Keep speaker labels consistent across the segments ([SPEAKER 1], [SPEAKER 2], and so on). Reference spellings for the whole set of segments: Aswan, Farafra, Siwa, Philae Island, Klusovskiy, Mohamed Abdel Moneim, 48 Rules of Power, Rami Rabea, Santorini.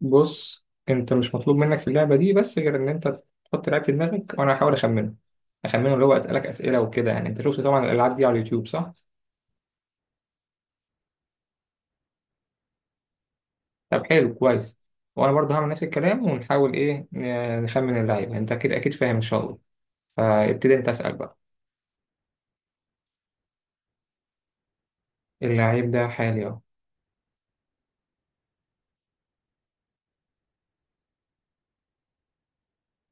[SPEAKER 1] بص، انت مش مطلوب منك في اللعبه دي، بس غير ان انت تحط لعيب في دماغك وانا هحاول اخمنه، اخمنه اللي هو اسالك اسئله وكده. يعني انت شفت طبعا الالعاب دي على اليوتيوب، صح؟ طب حلو، كويس. وانا برضه هعمل نفس الكلام ونحاول ايه، نخمن اللعيب. انت اكيد اكيد فاهم ان شاء الله. فابتدي انت اسال بقى. اللعيب ده حالي اهو.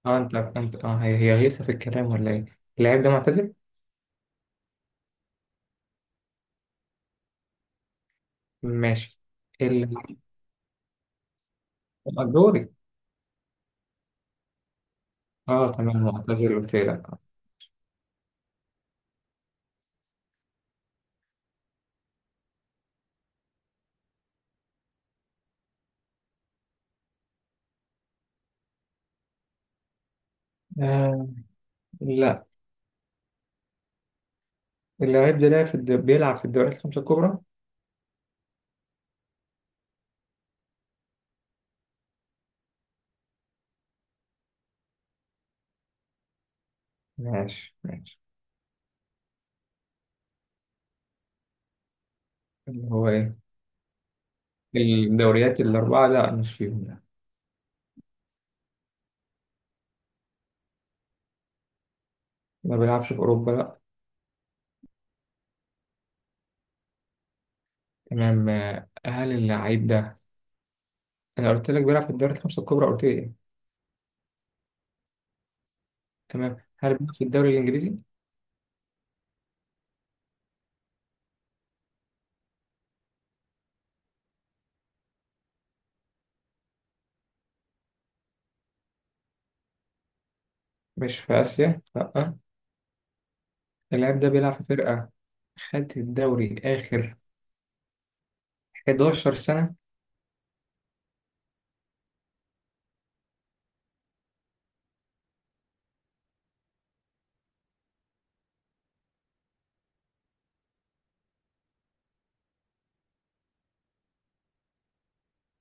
[SPEAKER 1] اه انت هي غيسه في الكلام ولا ايه؟ اللعيب ده معتزل؟ ماشي. اللعيب ده دوري. اه تمام، معتزل قلت لك. آه، لا. اللعيب ده لعب في بيلعب في الدوريات الخمسه الكبرى. ماشي، ماشي. اللي هو ايه؟ الدوريات الأربعة؟ لا، مش فيهم، لا. ما بيلعبش في أوروبا، لا. تمام. هل اللعيب ده؟ أنا قلت لك بيلعب في الدوري الخمسة الكبرى، قلت لي إيه؟ تمام. هل بيلعب في الدوري الإنجليزي؟ مش في آسيا، لا. اللاعب ده بيلعب في فرقة خدت الدوري آخر 11 سنة.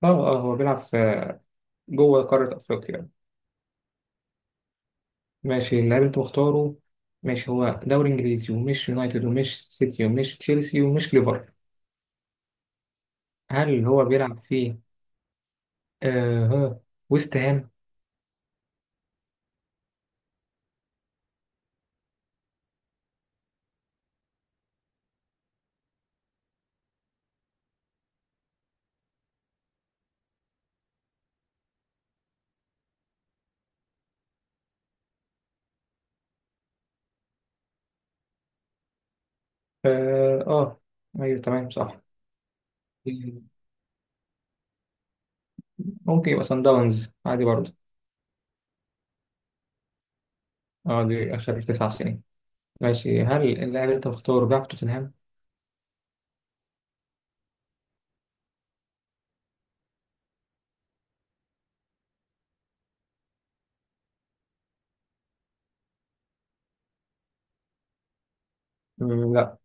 [SPEAKER 1] اه هو بيلعب في جوه قارة أفريقيا. ماشي. اللاعب أنت مختاره. ماشي، هو دوري إنجليزي ومش يونايتد ومش سيتي ومش تشيلسي ومش ليفر. هل هو بيلعب في آه ويست هام؟ اه آه، ايوه، تمام، صح. ممكن يبقى سان داونز عادي برضه. اه دي اخر 9 سنين. ماشي، هل اللاعب اللي انت مختاره بيلعب في توتنهام؟ مم، لا.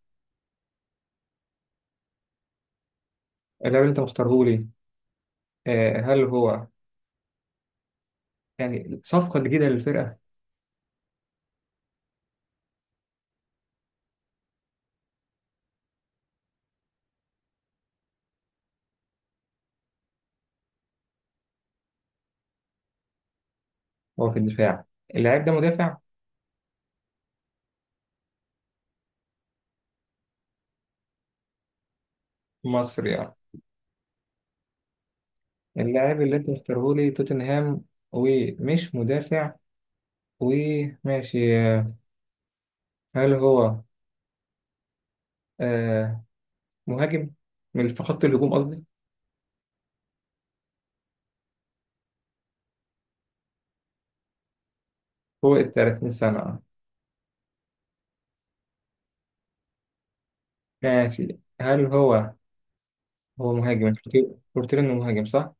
[SPEAKER 1] اللاعب اللي انت مختاره لي، هل هو يعني صفقة جديدة للفرقة؟ هو في الدفاع؟ اللاعب ده مدافع مصري؟ اه اللاعب اللي انت مختاره لي توتنهام ومش مدافع وماشي. هل هو آه مهاجم؟ من في خط الهجوم قصدي. فوق ال 30 سنة. ماشي، هل هو مهاجم، أنت قلت لي إنه مهاجم صح؟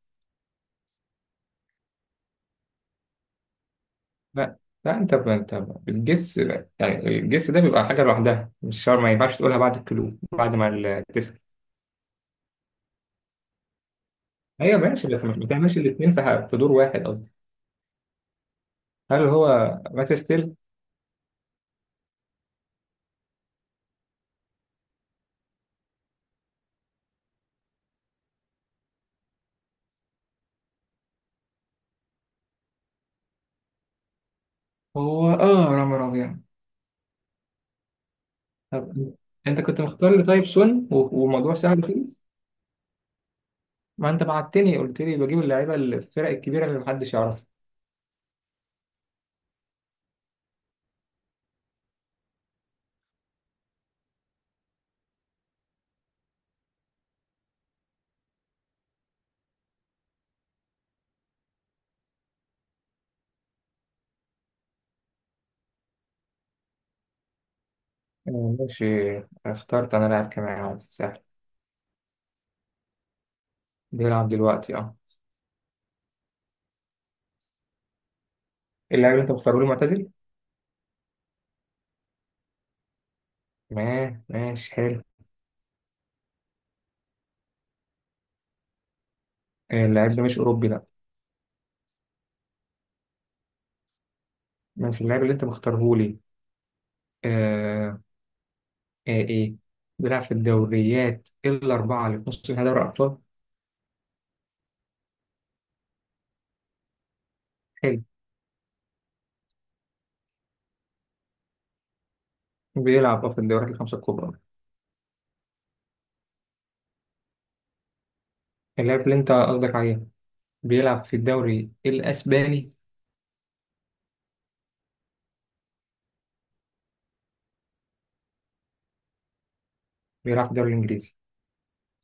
[SPEAKER 1] لا، لا. الجس يعني، الجس ده بيبقى حاجة لوحدها، مش شرط، ما ينفعش تقولها بعد الكلو، بعد ما تسأل. أيوة، ماشي، بس ما بتعملش الاتنين في في دور واحد قصدي. هل هو مات ستيل؟ هو آه رامي ربيع. طب أنت كنت مختار لي طيب سون وموضوع سهل خالص. ما أنت بعتني قلت لي بجيب اللعيبة اللي في الفرق الكبيرة اللي محدش يعرفها. آه، ماشي. اخترت أنا لاعب كمان، عادي، سهل. بيلعب دلوقتي؟ اه اللاعب اللي انت مختاره لي معتزل؟ ما ماشي، حلو. آه، اللاعب ده مش أوروبي، لا. ماشي، اللاعب اللي انت مختاره لي آه إيه؟ بيلعب في الدوريات الأربعة اللي في نص نهائي دوري الأبطال؟ حلو. بيلعب في الدوريات الخمسة الكبرى. اللاعب اللي انت قصدك عليه بيلعب في الدوري الأسباني؟ بيلعب في الدوري الإنجليزي.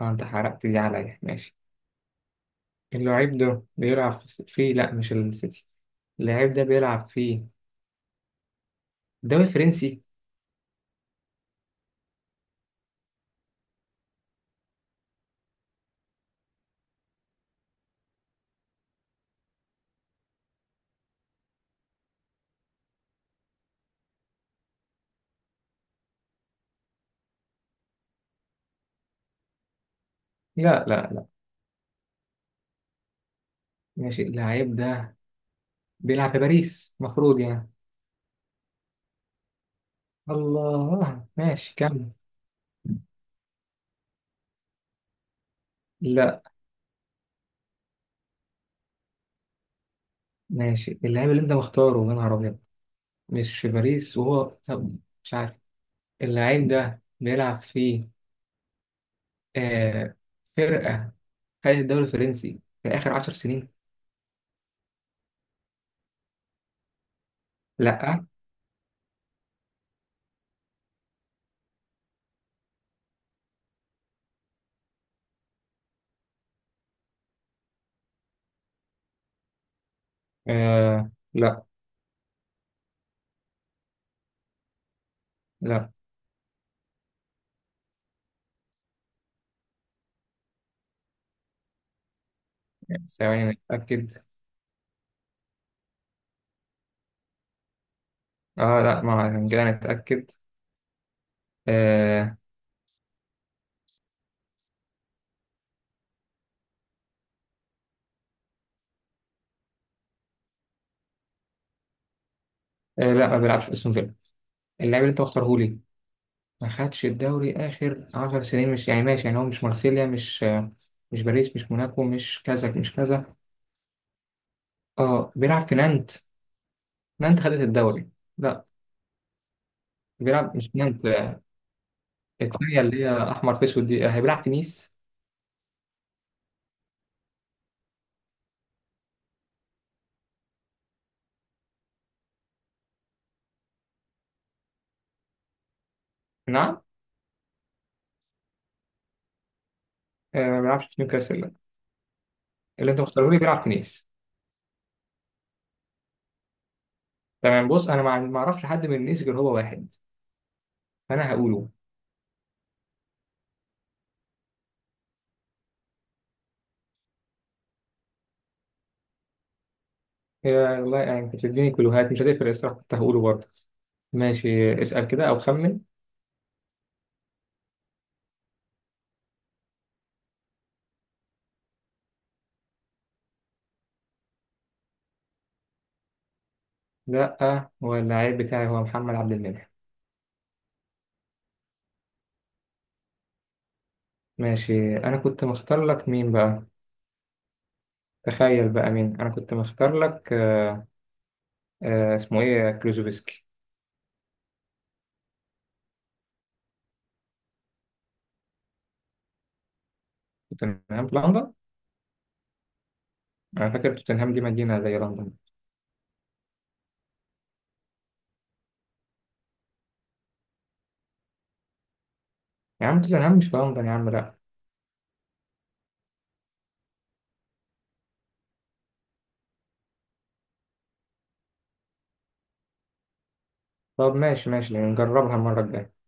[SPEAKER 1] اه انت حرقت دي عليا. ماشي. اللاعب ده بيلعب في في، لا، مش السيتي. اللاعب ده بيلعب في الدوري الفرنسي؟ لا، لا، لا. ماشي. اللاعب ده بيلعب في باريس المفروض يعني. الله، ماشي، كمل. لا. ماشي، اللاعب اللي انت مختاره، يا نهار ابيض، مش في باريس وهو. طب مش عارف. اللاعب ده بيلعب في آه فرقة خدت الدوري الفرنسي في آخر 10 سنين؟ لا. آه، لا لا. ثواني، نتأكد. اه لا ما كده نتأكد. آه لا، ما بيلعبش في اسم فيلا. اللاعب اللي انت مختاره لي ما خدش الدوري آخر 10 سنين مش يعني. ماشي يعني. هو مش مارسيليا، مش باريس، مش موناكو، مش كذا مش كذا. اه بيلعب في نانت؟ نانت خدت الدوري؟ لا. بيلعب مش في نانت. الثانية اللي هي أحمر في أسود دي، آه، هيبيلعب في نيس؟ نعم. آه، ما بيلعبش في نيوكاسل، لا. اللي أنت مختاره لي بيلعب في نيس. تمام. بص أنا ما أعرفش حد من نيس غير هو واحد، أنا هقوله. يا والله، يعني كنت بتديني كلوهات مش هتفرق الصراحة، كنت هقوله برضه. ماشي، اسأل كده أو خمن. لا، هو اللاعب بتاعي هو محمد عبد المنعم. ماشي، أنا كنت مختار لك مين بقى؟ تخيل بقى مين؟ أنا كنت مختار لك اسمه إيه، كلوزوفسكي. توتنهام في لندن؟ أنا فاكر توتنهام دي مدينة زي لندن. يا عم توتنهام مش في لندن يا عم، لأ. طب ماشي، ماشي، نجربها المرة الجاية.